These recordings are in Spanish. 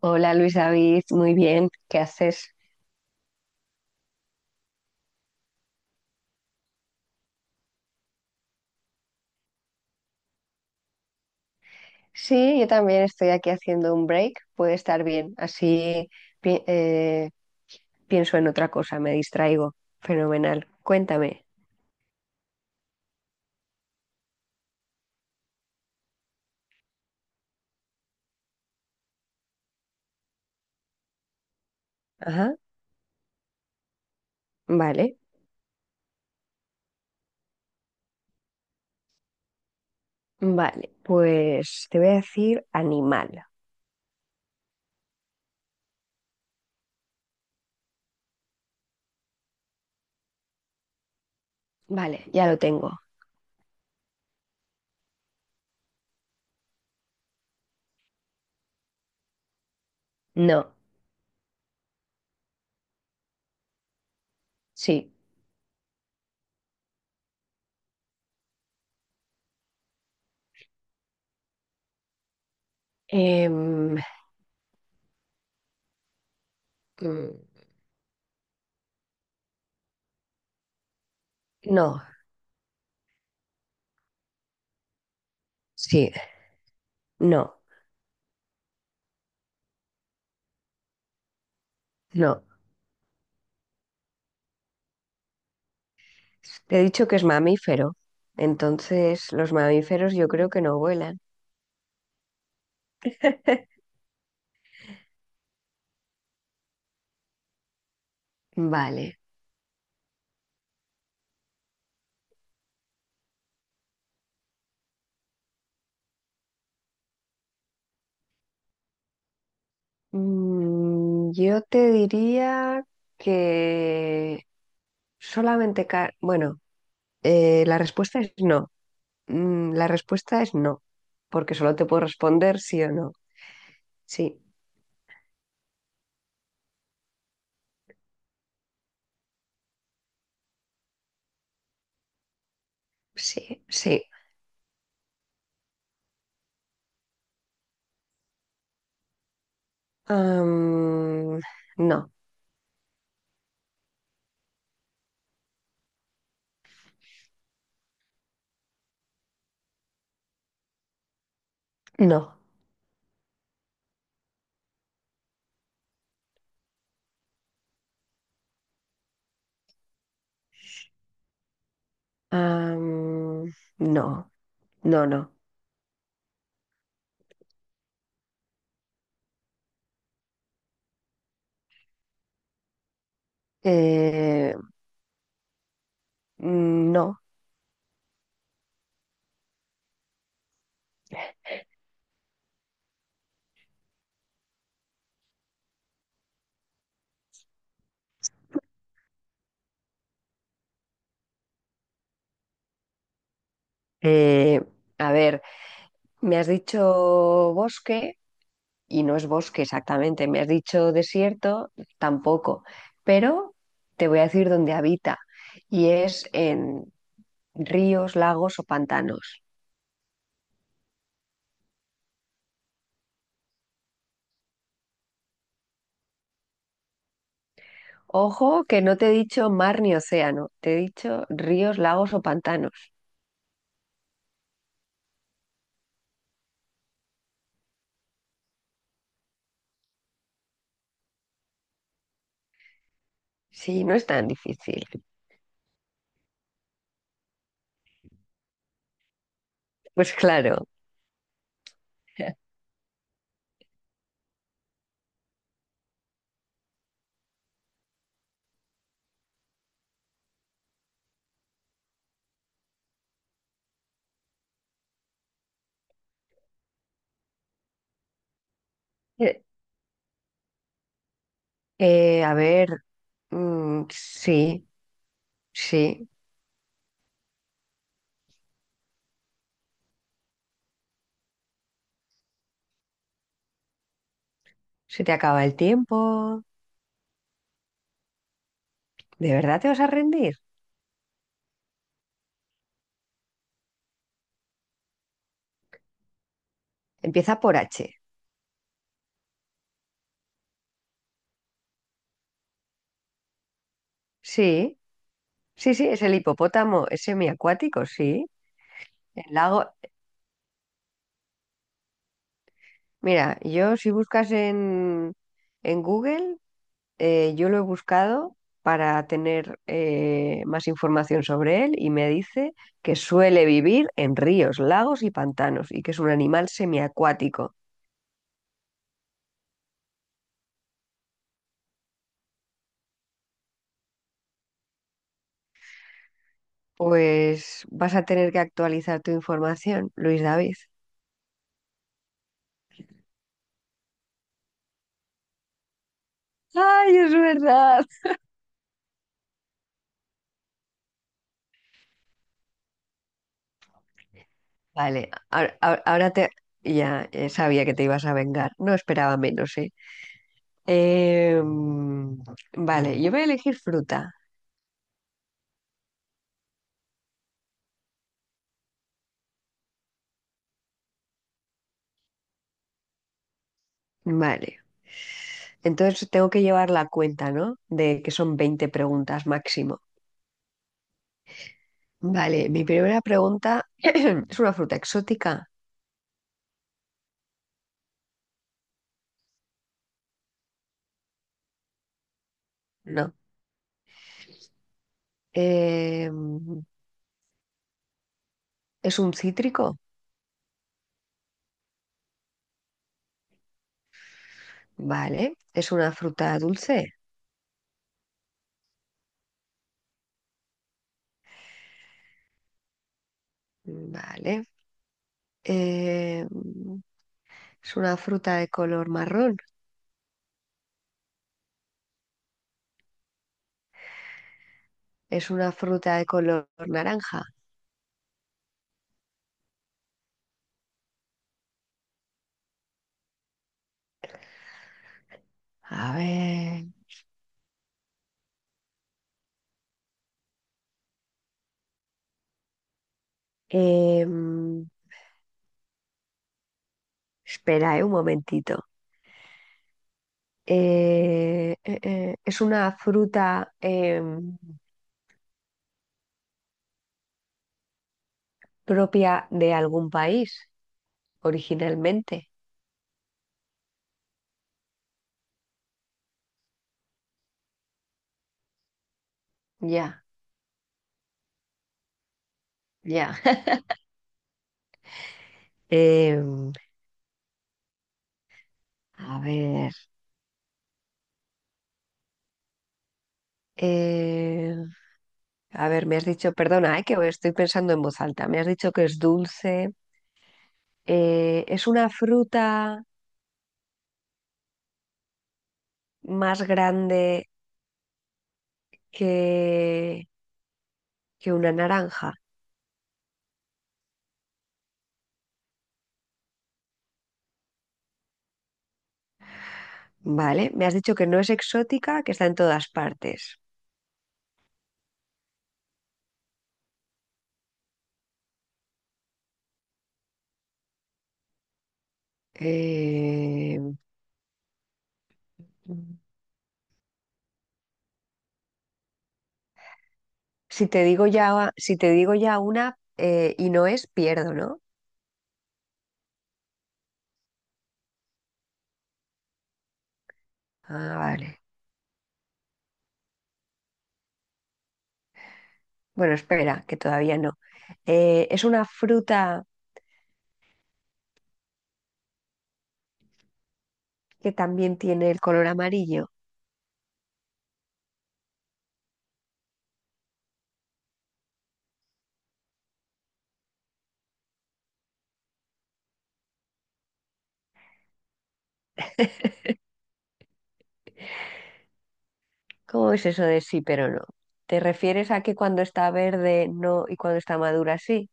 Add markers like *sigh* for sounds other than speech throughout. Hola Luis David, muy bien, ¿qué haces? Sí, yo también estoy aquí haciendo un break, puede estar bien, así pi- eh, pienso en otra cosa, me distraigo. Fenomenal, cuéntame. Ajá, vale, vale, pues te voy a decir animal. Vale, ya lo tengo. No, sí. Mm, no, sí, no, no. Te he dicho que es mamífero, entonces los mamíferos yo creo que no vuelan. *laughs* Vale. Yo te diría que solamente, bueno, la respuesta es no. La respuesta es no, porque solo te puedo responder sí o no. Sí, sí, sí. Am, no, no. Am, no, no, no. Eh, no. Eh, a ver, me has dicho bosque, y no es bosque exactamente. Me has dicho desierto, tampoco, pero te voy a decir dónde habita y es en ríos, lagos o pantanos. Ojo que no te he dicho mar ni océano, te he dicho ríos, lagos o pantanos. Sí, no es tan difícil. *laughs* Pues claro. Eh, a ver, sí, sí, se te acaba el tiempo. ¿De verdad te vas a rendir? Empieza por H. Sí. Sí, sí, es el hipopótamo, es semiacuático, sí. El lago. Mira, yo si buscas en Google, yo lo he buscado para tener más información sobre él y me dice que suele vivir en ríos, lagos y pantanos y que es un animal semiacuático. Pues vas a tener que actualizar tu información, Luis David. ¡Ay, es verdad! Vale, ahora te. Ya, sabía que te ibas a vengar. No esperaba menos, ¿eh? Eh, mm, vale, yo voy a elegir fruta. Vale. Entonces tengo que llevar la cuenta, ¿no? De que son 20 preguntas máximo. Vale, mi primera pregunta, *clears throat* ¿es una fruta exótica? No. Eh, ¿Es un cítrico? Vale. ¿Es una fruta dulce? Vale. Eh, ¿Es una fruta de color marrón? ¿Es una fruta de color naranja? A ver. eh, Espera, un momentito. ¿Es una fruta propia de algún país originalmente? Ya, ya. *laughs* Eh, a ver, eh, a ver, me has dicho, perdona, que estoy pensando en voz alta, me has dicho que es dulce. ¿Es una fruta más grande que, que una naranja? Vale, me has dicho que no es exótica, que está en todas partes. Eh, Si te digo ya, si te digo ya una y no es, pierdo, ¿no? Ah, vale. Bueno, espera, que todavía no. Es una fruta que también tiene el color amarillo. *laughs* ¿Cómo es eso de sí pero no? ¿Te refieres a que cuando está verde no y cuando está madura sí?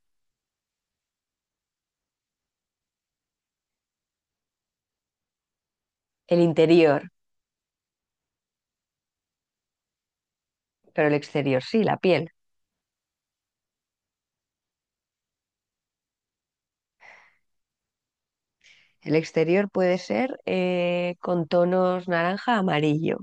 El interior, pero el exterior sí, la piel. El exterior puede ser con tonos naranja amarillo.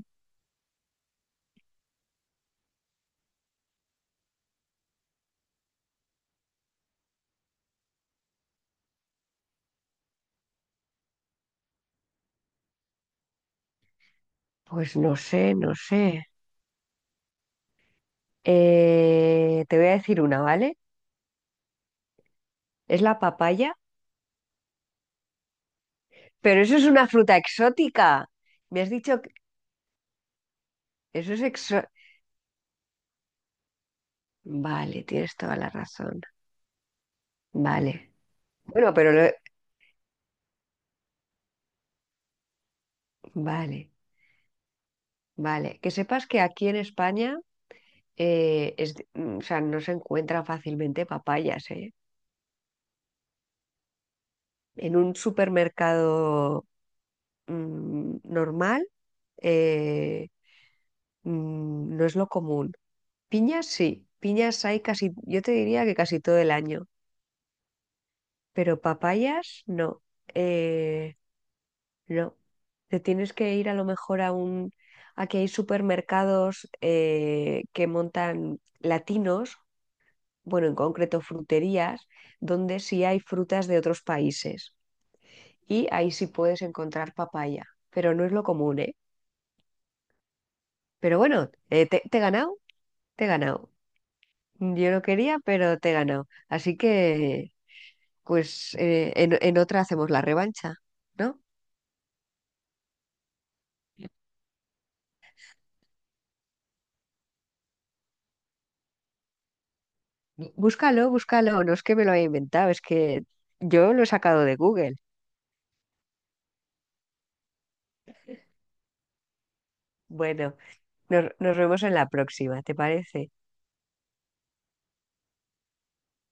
Pues no sé, no sé. Te voy a decir una, ¿vale? Es la papaya. Pero eso es una fruta exótica. Me has dicho que eso es exo... Vale, tienes toda la razón. Vale. Bueno, Vale, vale. Que sepas que aquí en España o sea, no se encuentran fácilmente papayas, ¿eh? En un supermercado normal, eh, no es lo común. Piñas sí. Piñas hay casi, yo te diría que casi todo el año, pero papayas no. Eh, No, te tienes que ir a lo mejor a un. Aquí hay supermercados que montan latinos, bueno, en concreto fruterías, donde sí hay frutas de otros países. Y ahí sí puedes encontrar papaya, pero no es lo común, ¿eh? Pero bueno, te he ganado, te he ganado. Yo no quería, pero te he ganado. Así que, pues, en otra hacemos la revancha, ¿no? Búscalo, búscalo, no es que me lo haya inventado, es que yo lo he sacado de Google. Bueno, nos vemos en la próxima, ¿te parece?